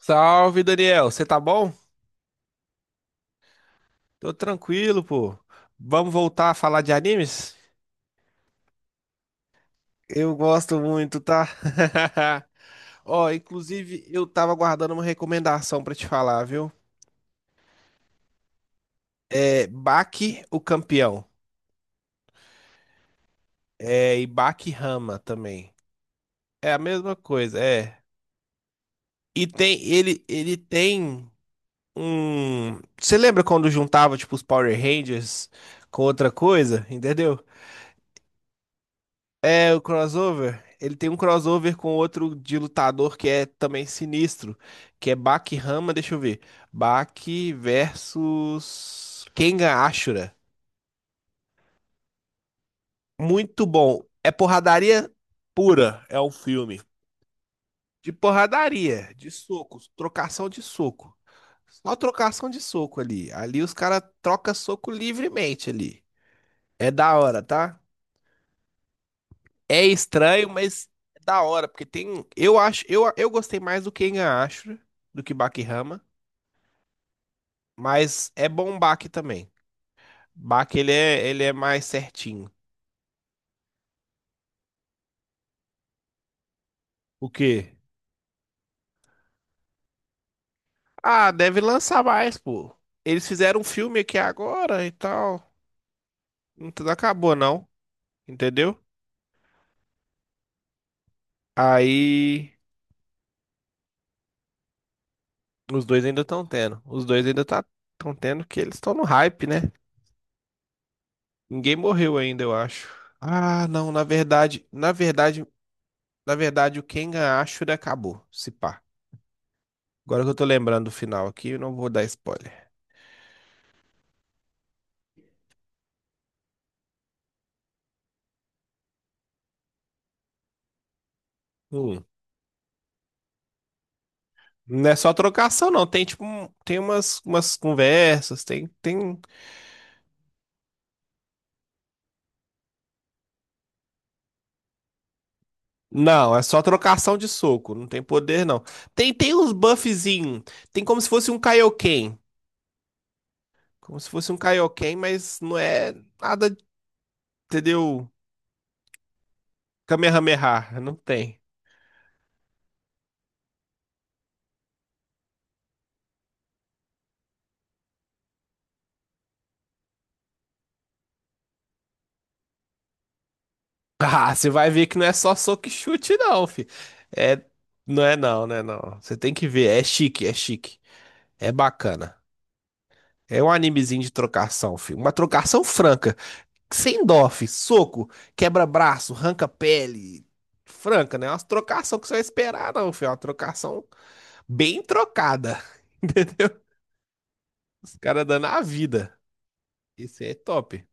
Salve, Daniel. Você tá bom? Tô tranquilo, pô. Vamos voltar a falar de animes? Eu gosto muito, tá? Ó, inclusive, eu tava guardando uma recomendação pra te falar, viu? É Baki, o campeão. É, e Baki Hama também. É a mesma coisa, é. E tem, ele tem um Você lembra quando juntava, tipo, os Power Rangers com outra coisa, entendeu? É, o crossover. Ele tem um crossover com outro de lutador que é também sinistro, que é Baki Hama, deixa eu ver. Baki versus Kengan Ashura. Muito bom. É porradaria pura, é um filme. De porradaria, de socos, trocação de soco. Só trocação de soco ali. Ali os caras trocam soco livremente ali. É da hora, tá? É estranho, mas é da hora, porque tem. Eu gostei mais do Kengan Ashura do que Bakihama, mas é bom o Baki também. Baki ele é mais certinho. O quê? Ah, deve lançar mais, pô. Eles fizeram um filme aqui agora e tal. Não tudo acabou, não. Entendeu? Aí os dois ainda estão tendo. Os dois ainda tá, estão tendo que eles estão no hype, né? Ninguém morreu ainda, eu acho. Ah, não, na verdade, o Kengan Ashura acabou, se pá. Agora que eu tô lembrando do final aqui, eu não vou dar spoiler. Hum. Não é só trocação, não. Tem tipo, um- tem umas conversas, tem. Não, é só trocação de soco, não tem poder, não. Tem uns buffzinhos, tem como se fosse um Kaioken. Como se fosse um Kaioken, mas não é nada, entendeu? Kamehameha, não tem. Ah, você vai ver que não é só soco e chute, não, fi. É, não é não, né? Não. Você tem que ver, é chique. É bacana. É um animezinho de trocação, filho. Uma trocação franca. Sem dó, fi. Soco, quebra-braço, arranca pele. Franca, né? Umas trocação que você vai esperar, não, filho. É uma trocação bem trocada. Entendeu? Os caras dando a vida. Esse é top.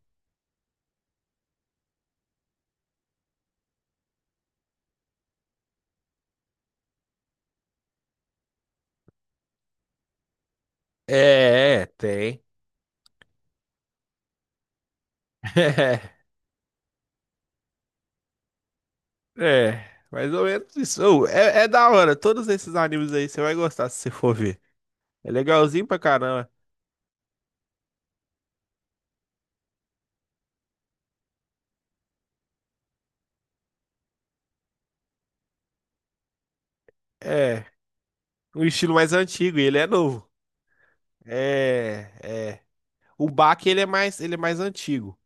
Tem. Mais ou menos isso. Ô, é da hora. Todos esses animes aí você vai gostar se você for ver. É legalzinho pra caramba. É, um estilo mais antigo e ele é novo. É, é. O Bach, ele é mais antigo.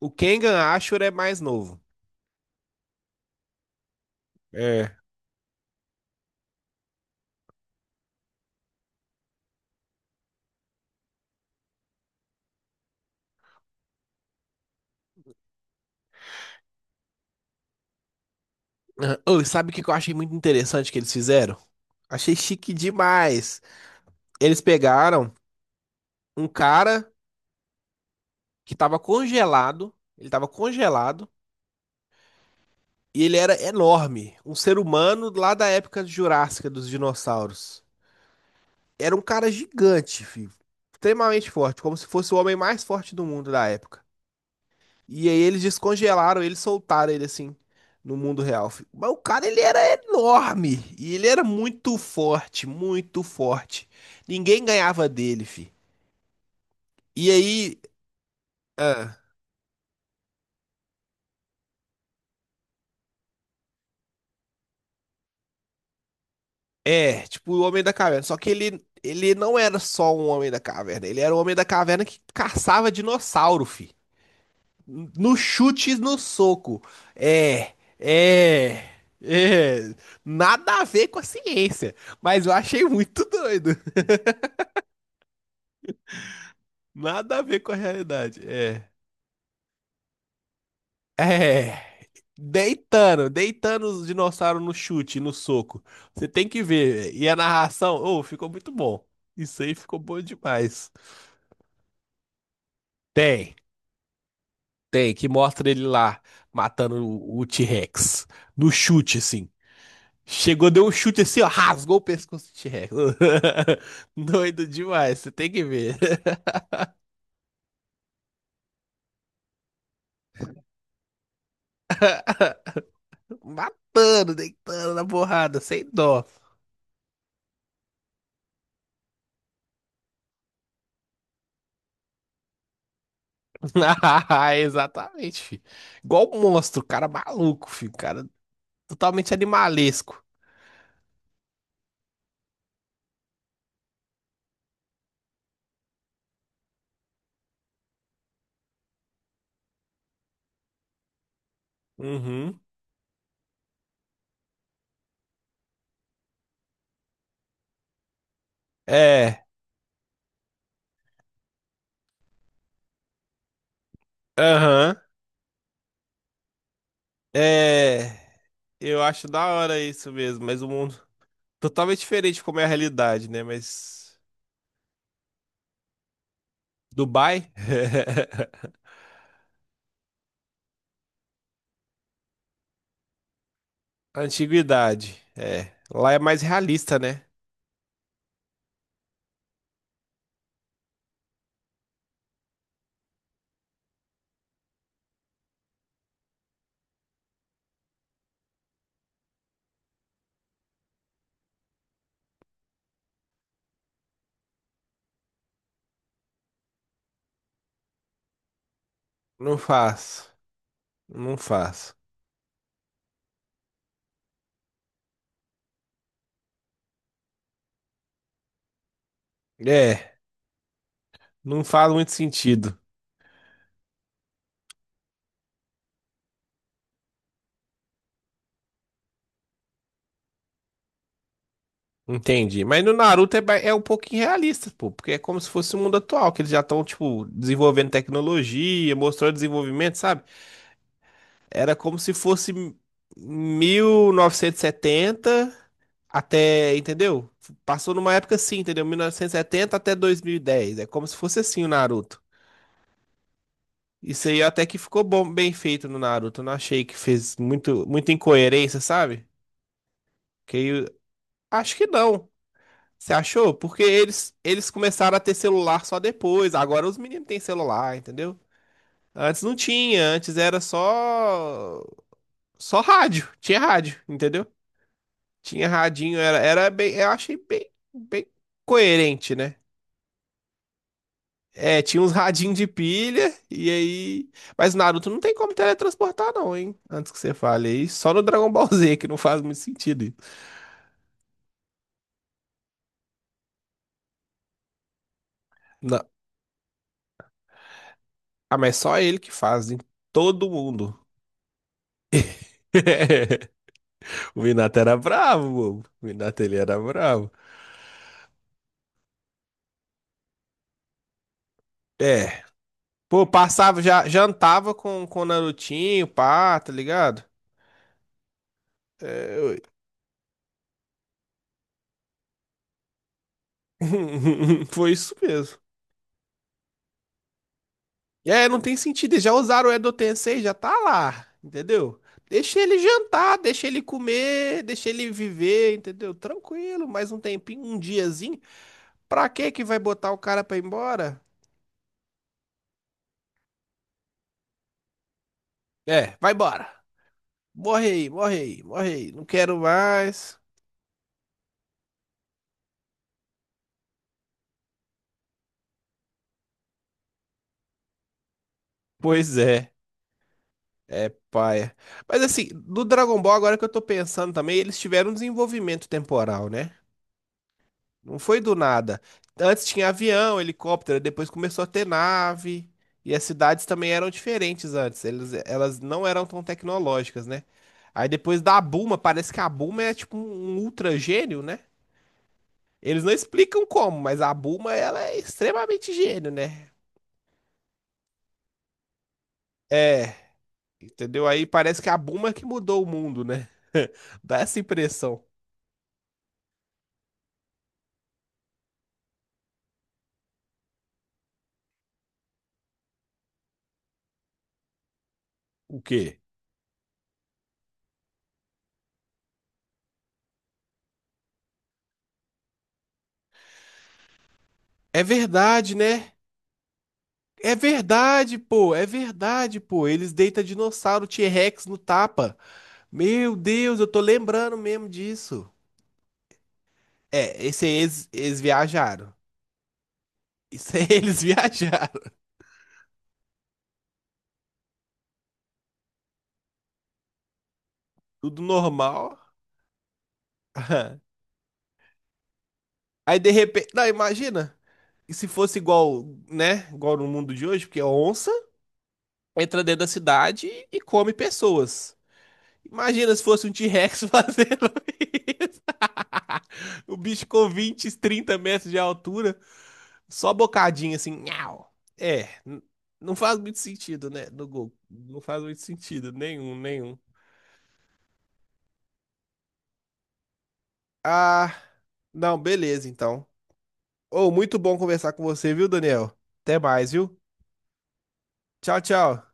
O Kengan Ashur é mais novo. É. Ah, ô, sabe o que que eu achei muito interessante que eles fizeram? Achei chique demais. Eles pegaram um cara que tava congelado, ele tava congelado e ele era enorme, um ser humano lá da época jurássica dos dinossauros. Era um cara gigante, filho. Extremamente forte, como se fosse o homem mais forte do mundo da época. E aí eles descongelaram ele, soltaram ele assim no mundo real, fi. Mas o cara ele era enorme e ele era muito forte, muito forte. Ninguém ganhava dele, fi. E aí, ah, é, tipo o Homem da Caverna, só que ele não era só um Homem da Caverna, ele era o Homem da Caverna que caçava dinossauro, fi. No chute, e no soco. É, é, é. Nada a ver com a ciência, mas eu achei muito doido. Nada a ver com a realidade. É. É. Deitando, deitando os dinossauros no chute, no soco. Você tem que ver. E a narração, oh, ficou muito bom. Isso aí ficou bom demais. Tem, tem, que mostra ele lá matando o T-Rex. No chute, assim. Chegou, deu um chute assim, ó, rasgou o pescoço do T-Rex. Doido demais, você tem que ver. Matando, deitando na porrada, sem dó. Ah, exatamente, filho. Igual um monstro, cara maluco, filho. Cara totalmente animalesco. Uhum. É. Aham. É. Eu acho da hora isso mesmo, mas o mundo totalmente diferente de como é a realidade, né? Mas Dubai, antiguidade, é. Lá é mais realista, né? Não faz, não faz. É, não faz muito sentido. Entendi. Mas no Naruto é, ba- é um pouquinho realista, pô, porque é como se fosse o mundo atual, que eles já estão, tipo, desenvolvendo tecnologia, mostrando desenvolvimento, sabe? Era como se fosse 1970 até, entendeu? Passou numa época assim, entendeu? 1970 até 2010. É como se fosse assim o Naruto. Isso aí até que ficou bom, bem feito no Naruto. Eu não achei que fez muito, muita incoerência, sabe? Que aí eu- acho que não. Você achou? Porque eles começaram a ter celular só depois. Agora os meninos têm celular, entendeu? Antes não tinha, antes era só só rádio. Tinha rádio, entendeu? Tinha radinho, era bem, eu achei bem, bem coerente, né? É, tinha uns radinhos de pilha e aí, mas Naruto não tem como teletransportar não, hein? Antes que você fale aí, só no Dragon Ball Z que não faz muito sentido isso. Não. Ah, mas só ele que faz, em todo mundo. O Minato era bravo, bobo. O Minato, ele era bravo. É. Pô, passava, já jantava com o Narutinho, pá, tá ligado? É, eu- foi isso mesmo. É, não tem sentido. Eles já usaram o Edo Tensei, já tá lá, entendeu? Deixa ele jantar, deixa ele comer, deixa ele viver, entendeu? Tranquilo, mais um tempinho, um diazinho. Pra que que vai botar o cara pra ir embora? É, vai embora. Morre aí, morre aí, morre aí. Não quero mais. Pois é. É paia. Mas assim, do Dragon Ball, agora que eu tô pensando também, eles tiveram um desenvolvimento temporal, né? Não foi do nada. Antes tinha avião, helicóptero, depois começou a ter nave. E as cidades também eram diferentes antes. Eles, elas não eram tão tecnológicas, né? Aí depois da Bulma, parece que a Bulma é tipo um ultra gênio, né? Eles não explicam como, mas a Bulma, ela é extremamente gênio, né? É, entendeu? Aí parece que a Bulma que mudou o mundo, né? Dá essa impressão. O quê? É verdade, né? É verdade, pô. É verdade, pô. Eles deitam dinossauro T-Rex no tapa. Meu Deus, eu tô lembrando mesmo disso. É, esse aí eles viajaram. Isso aí eles viajaram. Tudo normal. Aham. Aí de repente. Não, imagina. E se fosse igual, né? Igual no mundo de hoje, porque a onça entra dentro da cidade e come pessoas. Imagina se fosse um T-Rex fazendo isso? O bicho com 20, 30 metros de altura, só bocadinho assim. Nhau. É, n- não faz muito sentido, né? No gol. Não faz muito sentido. Nenhum, nenhum. Ah, não, beleza então. Ô, muito bom conversar com você, viu, Daniel? Até mais, viu? Tchau, tchau.